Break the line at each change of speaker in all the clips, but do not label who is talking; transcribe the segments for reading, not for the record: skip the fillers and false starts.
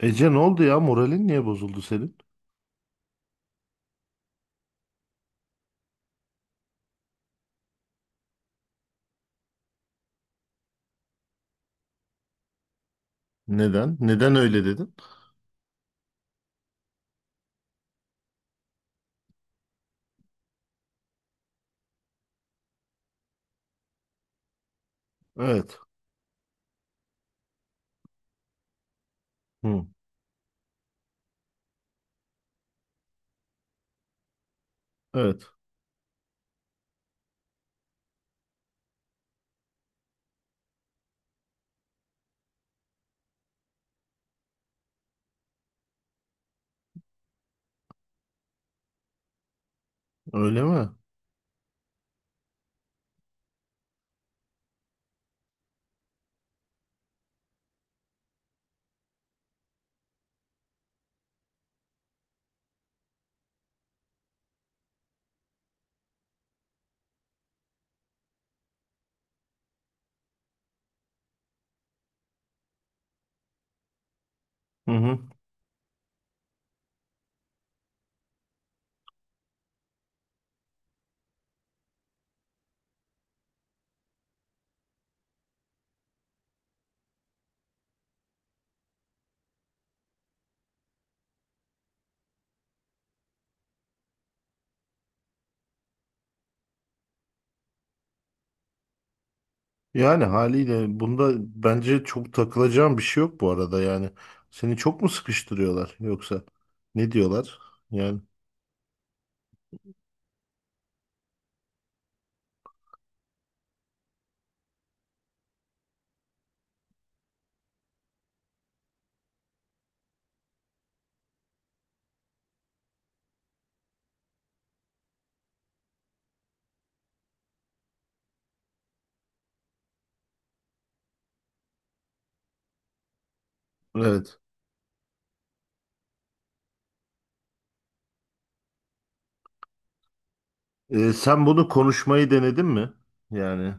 Ece ne oldu ya? Moralin niye bozuldu senin? Neden? Neden öyle dedin? Evet. Hı. Evet. Öyle mi? Hı hı. Yani haliyle bunda bence çok takılacağım bir şey yok bu arada yani. Seni çok mu sıkıştırıyorlar yoksa ne diyorlar? Yani evet. Sen bunu konuşmayı denedin mi? Yani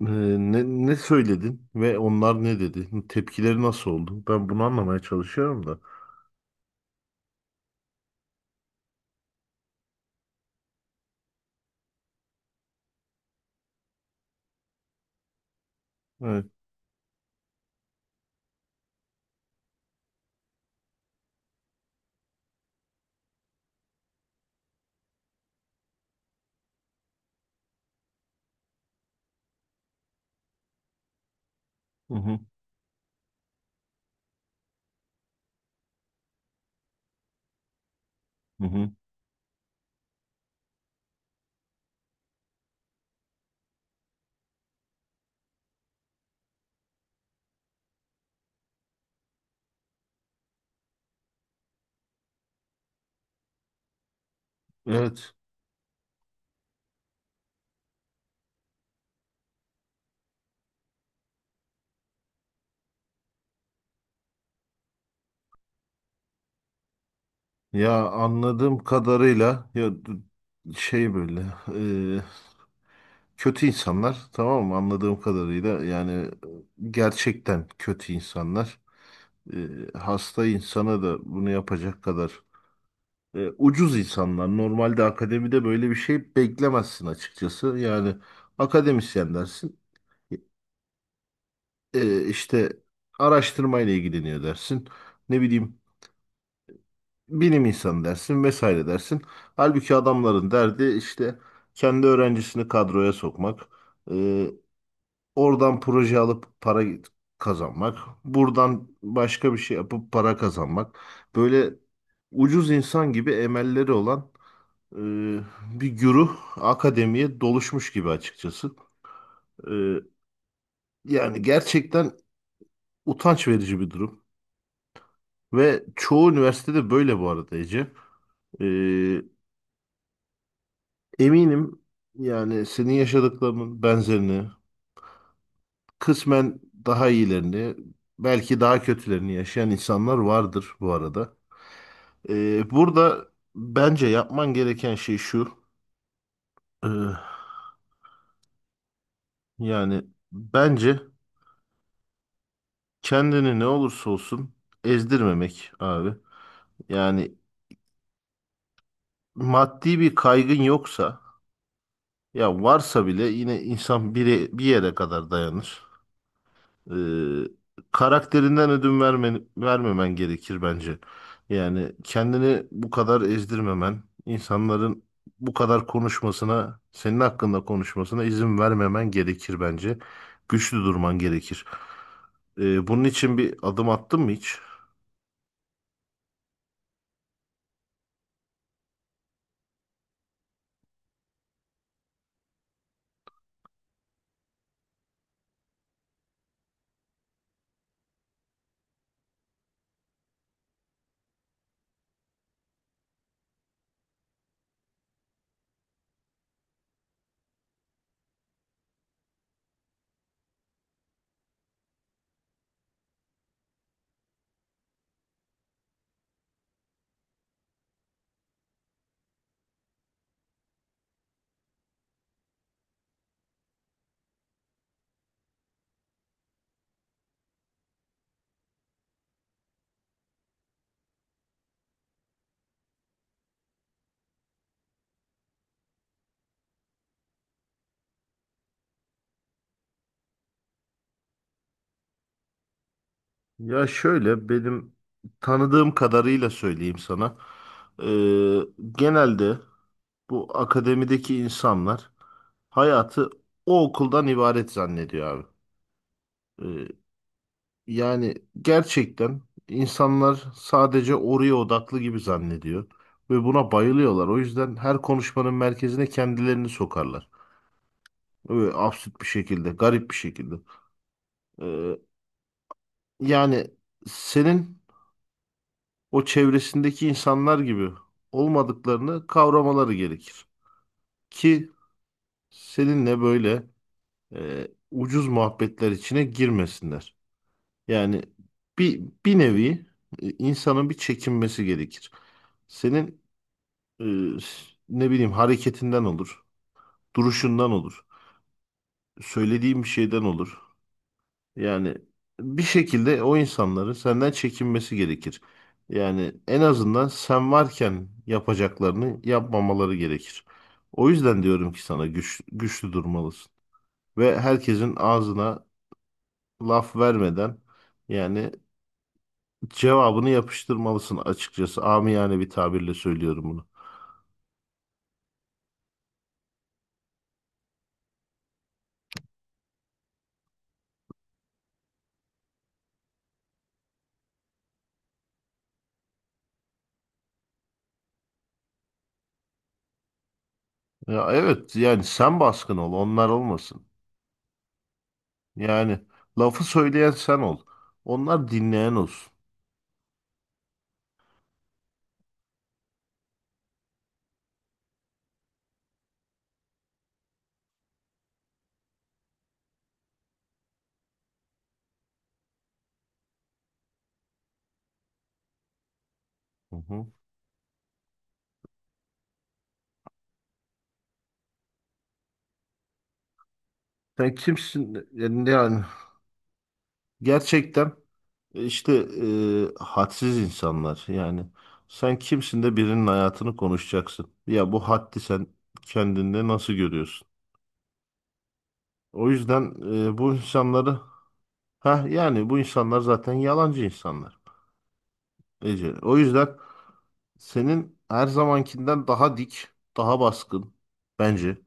e, ne söyledin ve onlar ne dedi? Tepkileri nasıl oldu? Ben bunu anlamaya çalışıyorum da. Evet. Hı hı. Hı hı. Evet. Ya anladığım kadarıyla böyle e, kötü insanlar, tamam mı? Anladığım kadarıyla yani gerçekten kötü insanlar. E, hasta insana da bunu yapacak kadar ucuz insanlar. Normalde akademide böyle bir şey beklemezsin açıkçası yani. Akademisyen dersin, işte araştırmayla ilgileniyor dersin, ne bileyim bilim insanı dersin vesaire dersin. Halbuki adamların derdi işte kendi öğrencisini kadroya sokmak, e, oradan proje alıp para kazanmak, buradan başka bir şey yapıp para kazanmak. Böyle ucuz insan gibi emelleri olan bir güruh akademiye doluşmuş gibi açıkçası. E, yani gerçekten utanç verici bir durum. Ve çoğu üniversitede böyle bu arada Ece. E, eminim yani senin yaşadıklarının benzerini, kısmen daha iyilerini, belki daha kötülerini yaşayan insanlar vardır bu arada. Burada bence yapman gereken şey şu. ee, Yani bence kendini ne olursa olsun ezdirmemek abi. Yani maddi bir kaygın yoksa, ya varsa bile yine insan bir yere kadar dayanır. e, Karakterinden ödün verme, vermemen gerekir bence. Yani kendini bu kadar ezdirmemen, insanların bu kadar konuşmasına, senin hakkında konuşmasına izin vermemen gerekir bence. Güçlü durman gerekir. E, bunun için bir adım attın mı hiç? Ya şöyle, benim tanıdığım kadarıyla söyleyeyim sana. E, genelde bu akademideki insanlar hayatı o okuldan ibaret zannediyor abi. Yani gerçekten insanlar sadece oraya odaklı gibi zannediyor ve buna bayılıyorlar. O yüzden her konuşmanın merkezine kendilerini sokarlar. Böyle absürt bir şekilde, garip bir şekilde. Ee, Yani senin o çevresindeki insanlar gibi olmadıklarını kavramaları gerekir. Ki seninle böyle ucuz muhabbetler içine girmesinler. Yani bir nevi insanın bir çekinmesi gerekir. Senin Ee, ne bileyim hareketinden olur, duruşundan olur, söylediğim bir şeyden olur. Yani bir şekilde o insanların senden çekinmesi gerekir. Yani en azından sen varken yapacaklarını yapmamaları gerekir. O yüzden diyorum ki sana güçlü durmalısın ve herkesin ağzına laf vermeden yani cevabını yapıştırmalısın açıkçası. Amiyane bir tabirle söylüyorum bunu. Ya evet, yani sen baskın ol, onlar olmasın. Yani lafı söyleyen sen ol. Onlar dinleyen olsun. Hı hı. Sen kimsin? Yani gerçekten işte hadsiz insanlar. Yani sen kimsin de birinin hayatını konuşacaksın? Ya bu haddi sen kendinde nasıl görüyorsun? O yüzden bu insanları, ha yani bu insanlar zaten yalancı insanlar Ece. O yüzden senin her zamankinden daha dik, daha baskın bence.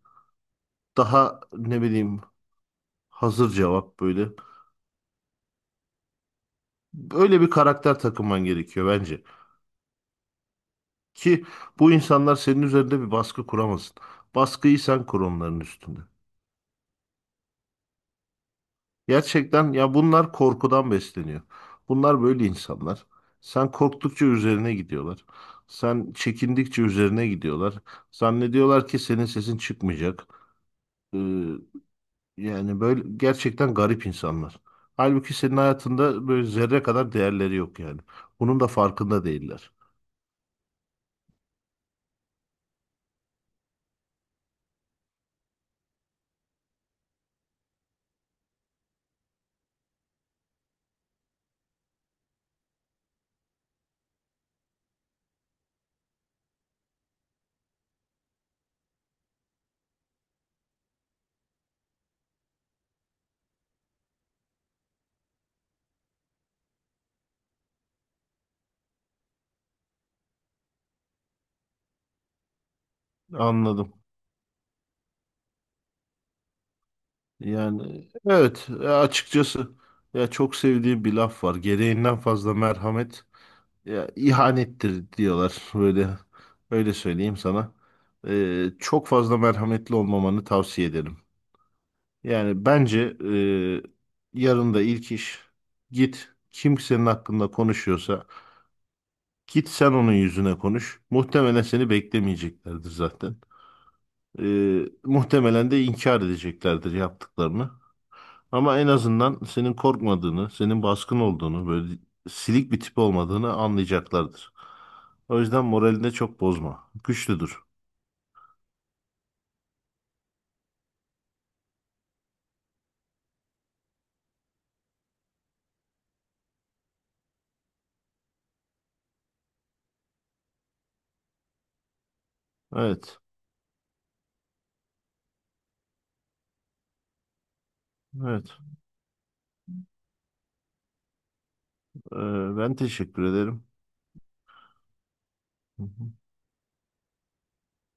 Daha ne bileyim hazır cevap, böyle. Böyle bir karakter takınman gerekiyor bence. Ki bu insanlar senin üzerinde bir baskı kuramasın. Baskıyı sen kur onların üstünde. Gerçekten ya, bunlar korkudan besleniyor. Bunlar böyle insanlar. Sen korktukça üzerine gidiyorlar. Sen çekindikçe üzerine gidiyorlar. Zannediyorlar ki senin sesin çıkmayacak. Ee, Yani böyle gerçekten garip insanlar. Halbuki senin hayatında böyle zerre kadar değerleri yok yani. Bunun da farkında değiller. Anladım. Yani evet, açıkçası ya çok sevdiğim bir laf var. Gereğinden fazla merhamet ya ihanettir diyorlar, böyle öyle söyleyeyim sana. Çok fazla merhametli olmamanı tavsiye ederim. Yani bence yarın da ilk iş git, kim senin hakkında konuşuyorsa git sen onun yüzüne konuş. Muhtemelen seni beklemeyeceklerdir zaten. E, muhtemelen de inkar edeceklerdir yaptıklarını. Ama en azından senin korkmadığını, senin baskın olduğunu, böyle silik bir tip olmadığını anlayacaklardır. O yüzden moralini de çok bozma. Güçlüdür. Evet. Evet. Ee, Ben teşekkür ederim. Hı hı.